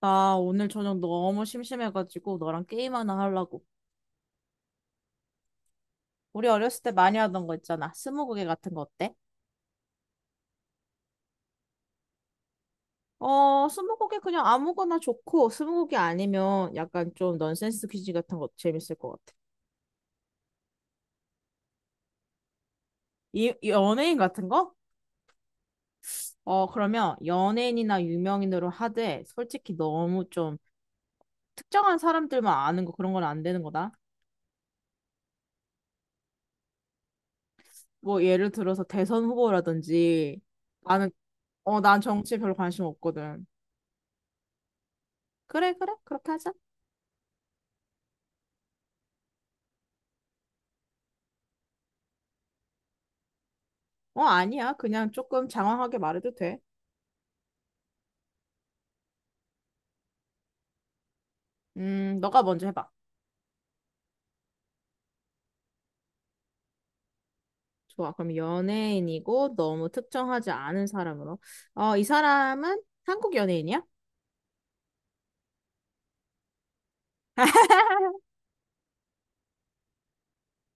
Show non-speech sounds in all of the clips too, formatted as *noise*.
나 오늘 저녁 너무 심심해가지고 너랑 게임 하나 하려고. 우리 어렸을 때 많이 하던 거 있잖아. 스무고개 같은 거 어때? 스무고개 그냥 아무거나 좋고, 스무고개 아니면 약간 좀 넌센스 퀴즈 같은 거 재밌을 것 같아. 이 연예인 같은 거? 어, 그러면 연예인이나 유명인으로 하되, 솔직히 너무 좀 특정한 사람들만 아는 거 그런 건 안 되는 거다. 뭐 예를 들어서 대선 후보라든지, 나는, 난 정치에 별로 관심 없거든. 그래, 그래, 그렇게 하자. 어, 아니야. 그냥 조금 장황하게 말해도 돼. 너가 먼저 해봐. 좋아. 그럼 연예인이고 너무 특정하지 않은 사람으로. 어, 이 사람은 한국 연예인이야?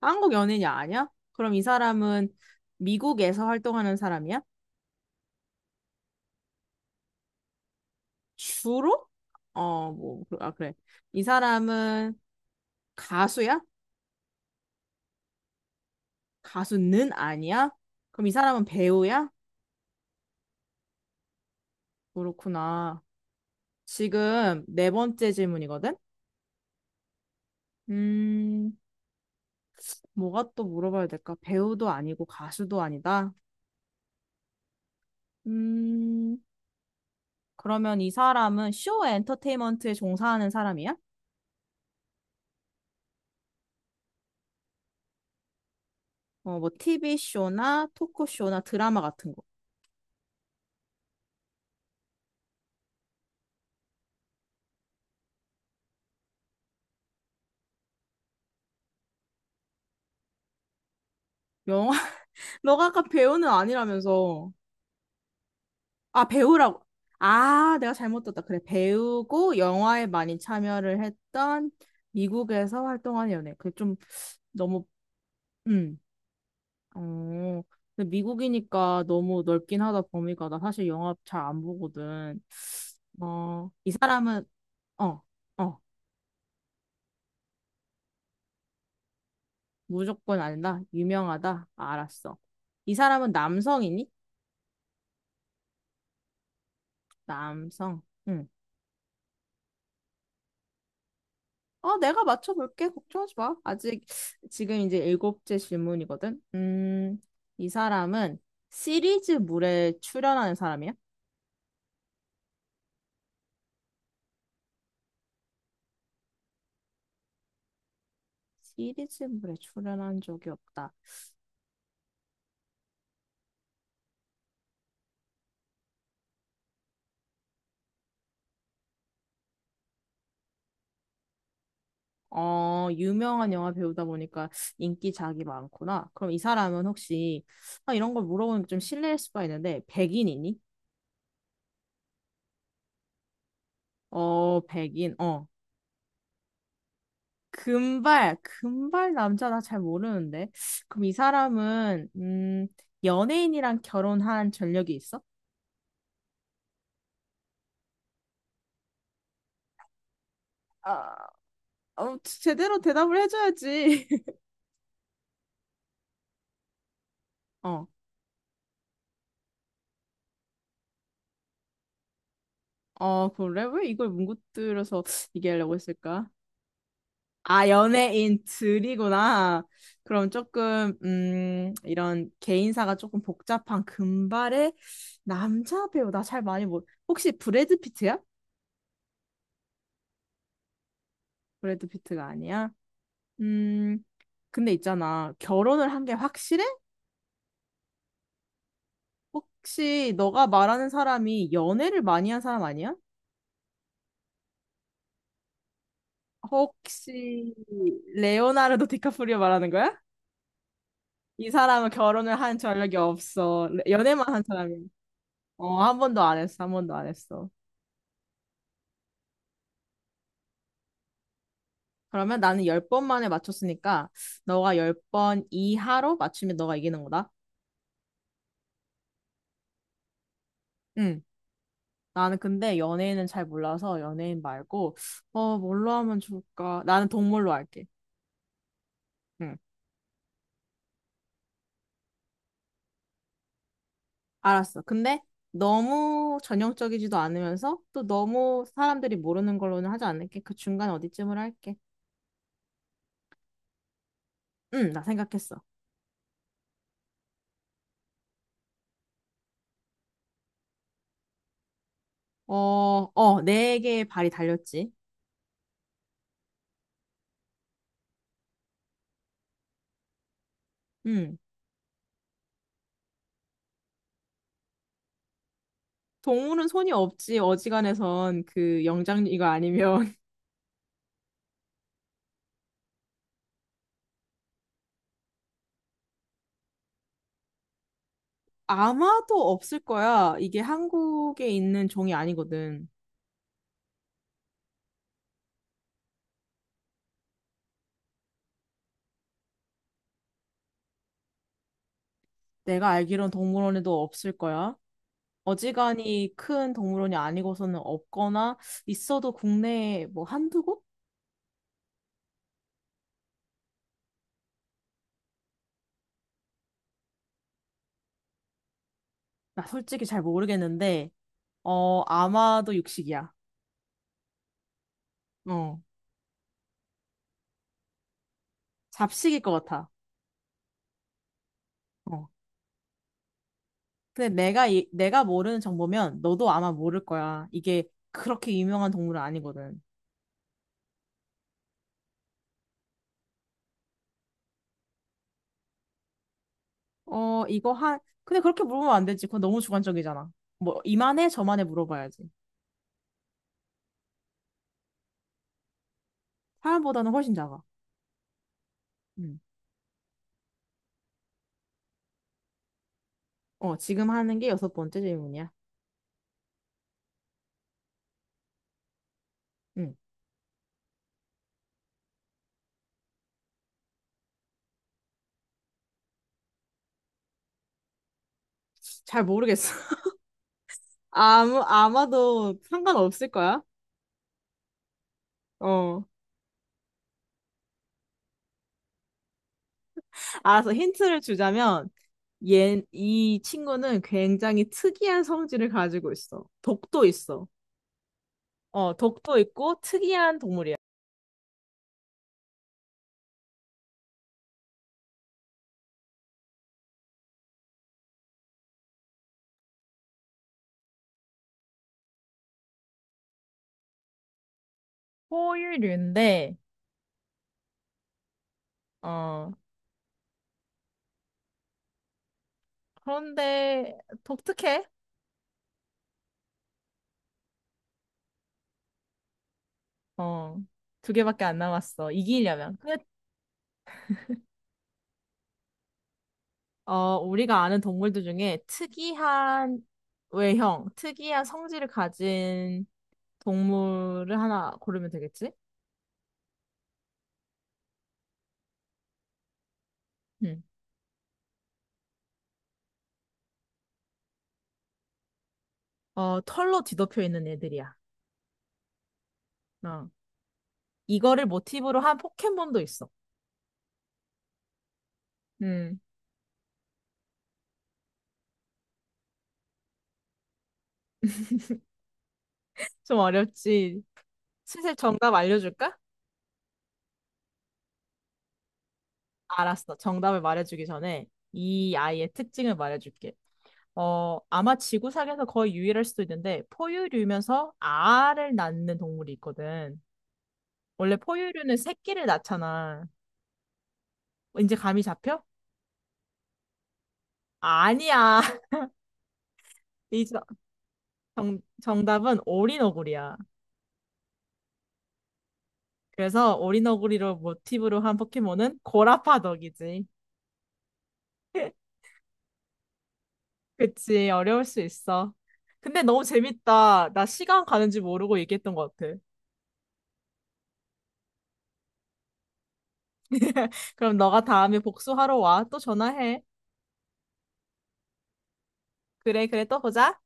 한국 연예인이 아니야? 그럼 이 사람은 미국에서 활동하는 사람이야? 주로? 어, 뭐, 그- 아, 그래. 이 사람은 가수야? 가수는 아니야? 그럼 이 사람은 배우야? 그렇구나. 지금 네 번째 질문이거든? 음, 뭐가 또 물어봐야 될까? 배우도 아니고 가수도 아니다. 음, 그러면 이 사람은 쇼 엔터테인먼트에 종사하는 사람이야? 어, 뭐 TV쇼나 토크쇼나 드라마 같은 거. 영화, *laughs* 너가 아까 배우는 아니라면서. 아, 배우라고. 아, 내가 잘못 들었다. 그래, 배우고 영화에 많이 참여를 했던 미국에서 활동하는 연예. 그게 좀 너무, 음... 어, 근데 미국이니까 너무 넓긴 하다, 범위가. 나 사실 영화 잘 안 보거든. 어, 이 사람은, 어, 어, 무조건 안다. 유명하다. 알았어. 이 사람은 남성이니? 남성. 응. 어, 내가 맞춰볼게. 걱정하지 마. 아직, 지금 이제 일곱째 질문이거든. 이 사람은 시리즈물에 출연하는 사람이야? 시리즈물에 출연한 적이 없다. 어, 유명한 영화 배우다 보니까 인기작이 많구나. 그럼 이 사람은 혹시, 아, 이런 걸 물어보면 좀 실례일 수가 있는데, 백인이니? 어, 백인, 어. 금발, 금발 남자 나 잘 모르는데. 그럼 이 사람은, 연예인이랑 결혼한 전력이 있어? 아, 어, 제대로 대답을 해줘야지. *laughs* 어, 어, 그래? 왜 이걸 뭉구들려서 얘기하려고 했을까? 아, 연예인 들이구나. 그럼 조금, 이런 개인사가 조금 복잡한 금발의 남자 배우, 나 잘 많이 모 혹시 브래드 피트야? 브래드 피트가 아니야? 음, 근데 있잖아. 결혼을 한 게 확실해? 혹시 너가 말하는 사람이 연애를 많이 한 사람 아니야? 혹시 레오나르도 디카프리오 말하는 거야? 이 사람은 결혼을 한 전력이 없어. 연애만 한 사람이야. 어, 한 번도 안 했어. 한 번도 안 했어. 그러면 나는 열 번 만에 맞췄으니까 너가 열 번 이하로 맞추면 너가 이기는 거다. 응. 나는 근데 연예인은 잘 몰라서 연예인 말고 어 뭘로 하면 좋을까? 나는 동물로 할게. 응. 알았어. 근데 너무 전형적이지도 않으면서 또 너무 사람들이 모르는 걸로는 하지 않을게. 그 중간 어디쯤으로 할게. 응, 나 생각했어. 네 개의 발이 달렸지. 응. 동물은 손이 없지. 어지간해선 그 영장 이거 아니면 아마도 없을 거야. 이게 한국에 있는 종이 아니거든. 내가 알기론 동물원에도 없을 거야. 어지간히 큰 동물원이 아니고서는 없거나 있어도 국내에 뭐 한두 곳? 나 솔직히 잘 모르겠는데, 아마도 육식이야. 어, 잡식일 것 같아. 어. 근데 내가 모르는 정보면 너도 아마 모를 거야. 이게 그렇게 유명한 동물은 아니거든. 어, 이거 한, 근데 그렇게 물으면 안 되지. 그건 너무 주관적이잖아. 뭐, 이만해, 저만해 물어봐야지. 사람보다는 훨씬 작아. 음. 어, 지금 하는 게 여섯 번째 질문이야. 음. 잘 모르겠어. *laughs* 아마도 상관없을 거야. 어. 알아서 힌트를 주자면, 이 친구는 굉장히 특이한 성질을 가지고 있어. 독도 있어. 어, 독도 있고 특이한 동물이야. 포유류인데, 어, 그런데 독특해. 어, 두 개밖에 안 남았어. 이기려면. 근데 어, 우리가 아는 동물들 중에 특이한 외형, 특이한 성질을 가진 동물을 하나 고르면 되겠지? 응. 어, 털로 뒤덮여 있는 애들이야. 어. 이거를 모티브로 한 포켓몬도 있어. 음, 좀 어렵지. 슬슬 정답 알려줄까? 알았어. 정답을 말해주기 전에 이 아이의 특징을 말해줄게. 어, 아마 지구상에서 거의 유일할 수도 있는데 포유류면서 알을 낳는 동물이 있거든. 원래 포유류는 새끼를 낳잖아. 이제 감이 잡혀? 아니야. *laughs* 이 정, 정답은 오리너구리야. 그래서 오리너구리로 모티브로 한 포켓몬은 고라파덕이지. *laughs* 그치, 어려울 수 있어. 근데 너무 재밌다. 나 시간 가는지 모르고 얘기했던 것 같아. 그럼 너가 다음에 복수하러 와. 또 전화해. 그래, 그래, 또 보자.